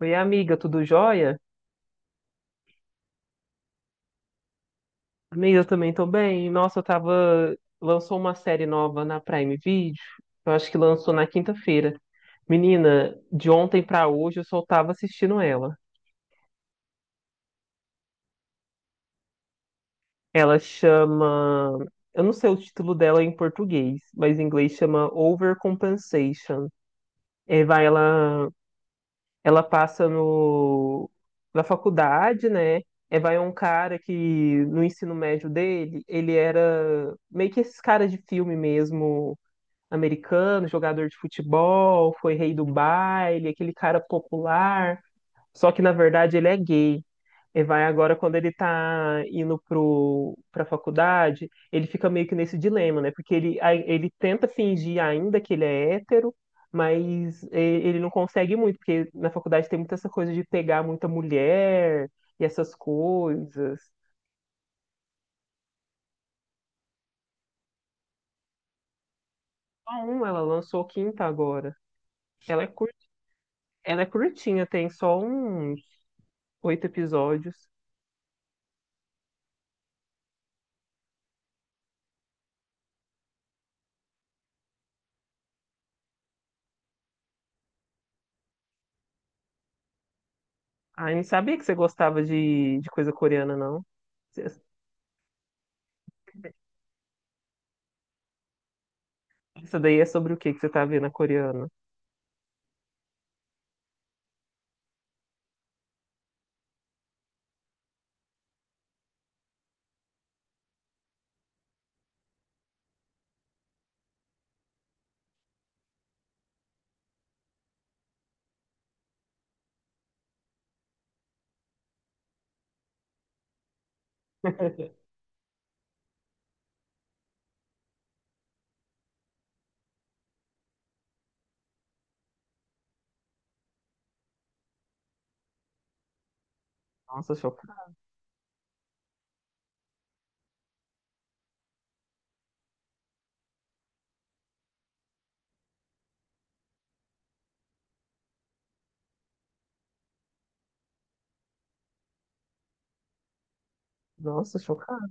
Oi, amiga, tudo jóia? Amiga, eu também tô bem. Nossa, eu tava. Lançou uma série nova na Prime Video. Eu acho que lançou na quinta-feira. Menina, de ontem pra hoje eu só tava assistindo ela. Ela chama. Eu não sei o título dela em português, mas em inglês chama Overcompensation. É, vai, ela Ela passa no na faculdade, né? É, vai um cara que no ensino médio dele, ele era meio que esses caras de filme mesmo, americano, jogador de futebol, foi rei do baile, aquele cara popular. Só que na verdade ele é gay. E vai agora quando ele tá indo pra faculdade, ele fica meio que nesse dilema, né? Porque ele, aí ele tenta fingir ainda que ele é hétero, mas ele não consegue muito, porque na faculdade tem muita essa coisa de pegar muita mulher e essas coisas. Só um, ela lançou quinta agora. Ela é cur... Ela é curtinha, tem só uns oito episódios. Ah, eu não sabia que você gostava de coisa coreana, não. Essa daí é sobre o que que você tá vendo a coreana? Nossa, chocado. Nossa, chocado.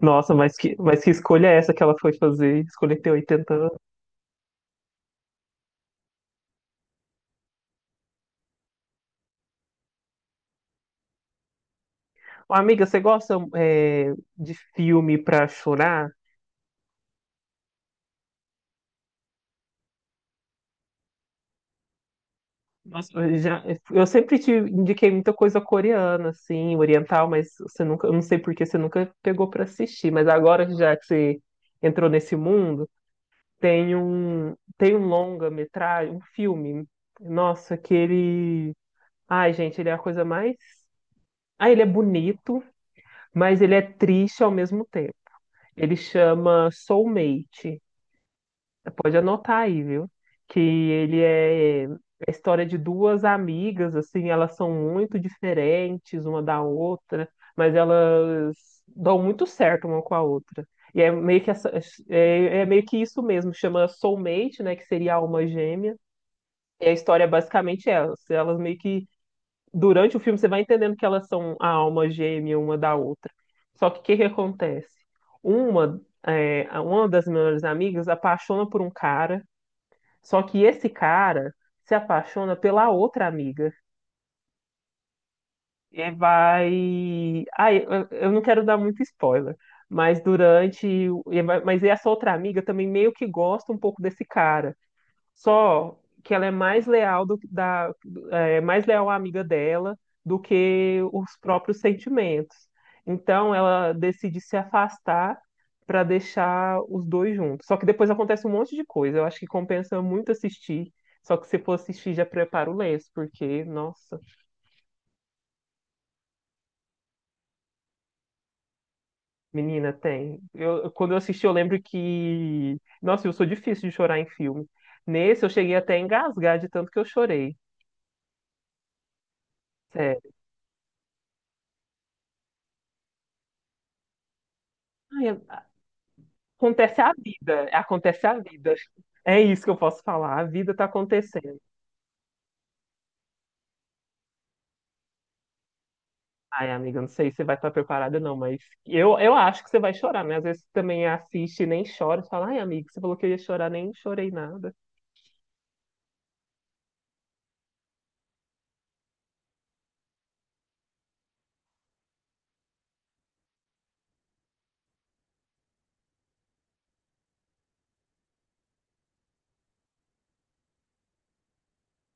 Nossa, mas que escolha é essa que ela foi fazer? Escolher ter 80 anos. Ô, amiga, você gosta é, de filme pra chorar? Nossa, eu sempre te indiquei muita coisa coreana, assim, oriental, mas você nunca, eu não sei por que você nunca pegou pra assistir. Mas agora que já que você entrou nesse mundo, tem um longa-metragem, um filme. Nossa, que ele. Ai, gente, ele é a coisa mais. Ah, ele é bonito, mas ele é triste ao mesmo tempo. Ele chama Soulmate. Pode anotar aí, viu? Que ele é é a história de duas amigas, assim, elas são muito diferentes uma da outra, mas elas dão muito certo uma com a outra. E é meio que essa- é, é meio que isso mesmo, chama Soulmate, né, que seria alma gêmea. E a história é basicamente elas, elas meio que durante o filme você vai entendendo que elas são a alma gêmea uma da outra. Só que o que que acontece? Uma, é, uma das melhores amigas apaixona por um cara, só que esse cara se apaixona pela outra amiga. E vai. Ah, eu não quero dar muito spoiler, mas durante. Mas essa outra amiga também meio que gosta um pouco desse cara. Só que ela é mais leal é, mais leal à amiga dela do que os próprios sentimentos. Então ela decide se afastar para deixar os dois juntos. Só que depois acontece um monte de coisa. Eu acho que compensa muito assistir. Só que se for assistir, já prepara o lenço, porque, nossa, menina, tem. Eu, quando eu assisti, eu lembro que. Nossa, eu sou difícil de chorar em filme. Nesse, eu cheguei até a engasgar de tanto que eu chorei. Sério. Acontece a vida, acontece a vida. É isso que eu posso falar, a vida tá acontecendo. Ai, amiga, não sei se você vai estar preparada, não, mas eu acho que você vai chorar, né? Às vezes você também assiste e nem chora, você fala, ai, amigo, você falou que eu ia chorar, nem chorei nada.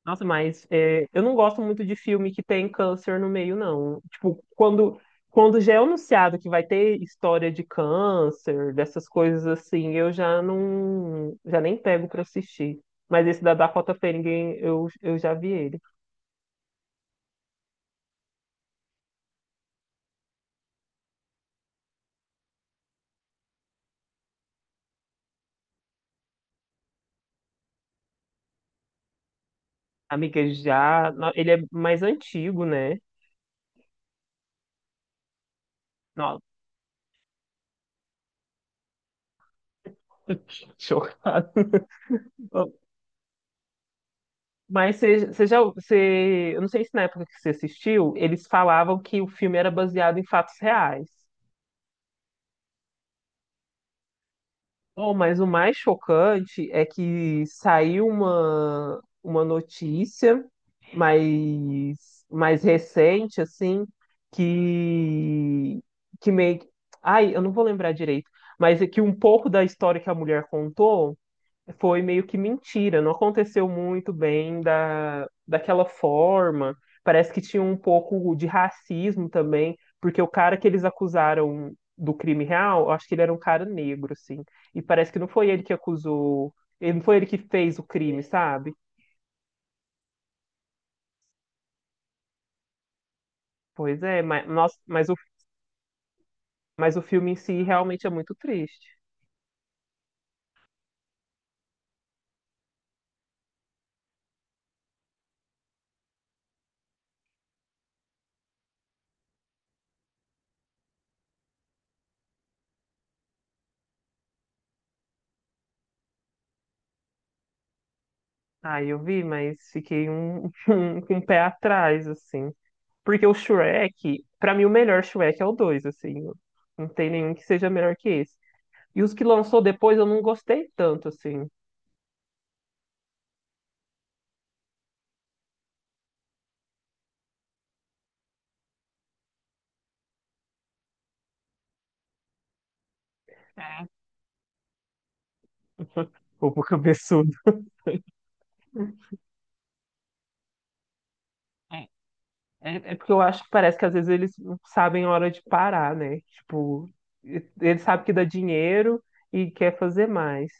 Nossa, mas é, eu não gosto muito de filme que tem câncer no meio, não. Tipo, quando já é anunciado que vai ter história de câncer, dessas coisas assim, eu já não, já nem pego pra assistir. Mas esse da Dakota Fanning, eu já vi ele. Amiga, já. Ele é mais antigo, né? Nossa, chocado. Mas você já. Você... Eu não sei se na época que você assistiu, eles falavam que o filme era baseado em fatos reais. Oh, mas o mais chocante é que saiu uma notícia mais recente, assim, que, que meio. Ai, eu não vou lembrar direito, mas é que um pouco da história que a mulher contou. Foi meio que mentira, não aconteceu muito bem daquela forma. Parece que tinha um pouco de racismo também, porque o cara que eles acusaram do crime real, eu acho que ele era um cara negro, assim. E parece que não foi ele que acusou, ele não foi ele que fez o crime, sabe? Pois é, mas, nossa, mas o filme em si realmente é muito triste. Ah, eu vi, mas fiquei um, com o pé atrás, assim. Porque o Shrek, pra mim, o melhor Shrek é o 2 assim. Não tem nenhum que seja melhor que esse. E os que lançou depois eu não gostei tanto, assim. É. O cabeçudo. É, é, porque eu acho que parece que às vezes eles não sabem a hora de parar, né? Tipo, eles sabem que dá dinheiro e quer fazer mais.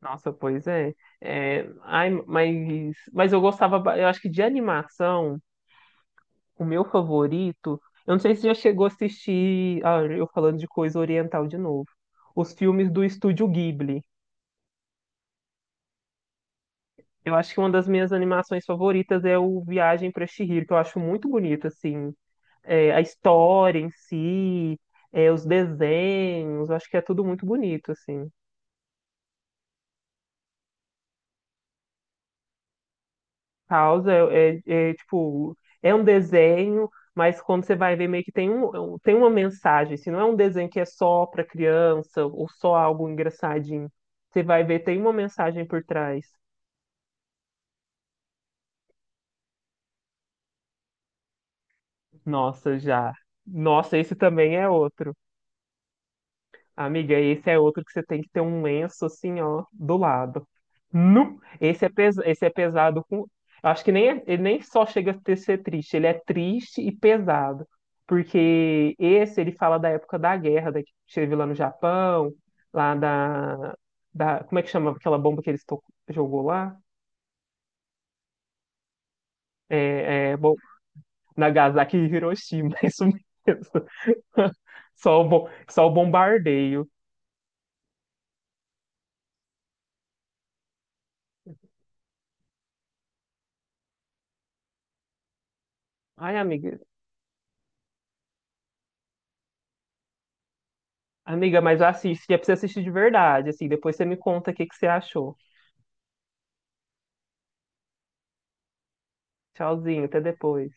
Nossa, pois é. É, ai, mas eu gostava, eu acho que de animação. O meu favorito, eu não sei se já chegou a assistir, ah, eu falando de coisa oriental de novo, os filmes do Estúdio Ghibli. Eu acho que uma das minhas animações favoritas é o Viagem para Chihiro, que eu acho muito bonito, assim, é, a história em si, é, os desenhos, eu acho que é tudo muito bonito, assim. Causa é, tipo, é um desenho, mas quando você vai ver, meio que tem um, tem uma mensagem. Se não é um desenho que é só para criança ou só algo engraçadinho. Você vai ver, tem uma mensagem por trás. Nossa, já. Nossa, esse também é outro. Amiga, esse é outro que você tem que ter um lenço assim, ó, do lado. Nu! Esse é pesado com. Eu Acho que nem ele nem só chega a ser triste, ele é triste e pesado. Porque esse ele fala da época da guerra, da que teve lá no Japão, lá da, da. Como é que chama aquela bomba que eles jogou lá? É, é, bom, Nagasaki e Hiroshima, é isso mesmo. Só o bombardeio. Ai, amiga, Amiga, mas assiste, é pra você assistir de verdade, assim, depois você me conta o que que você achou. Tchauzinho, até depois.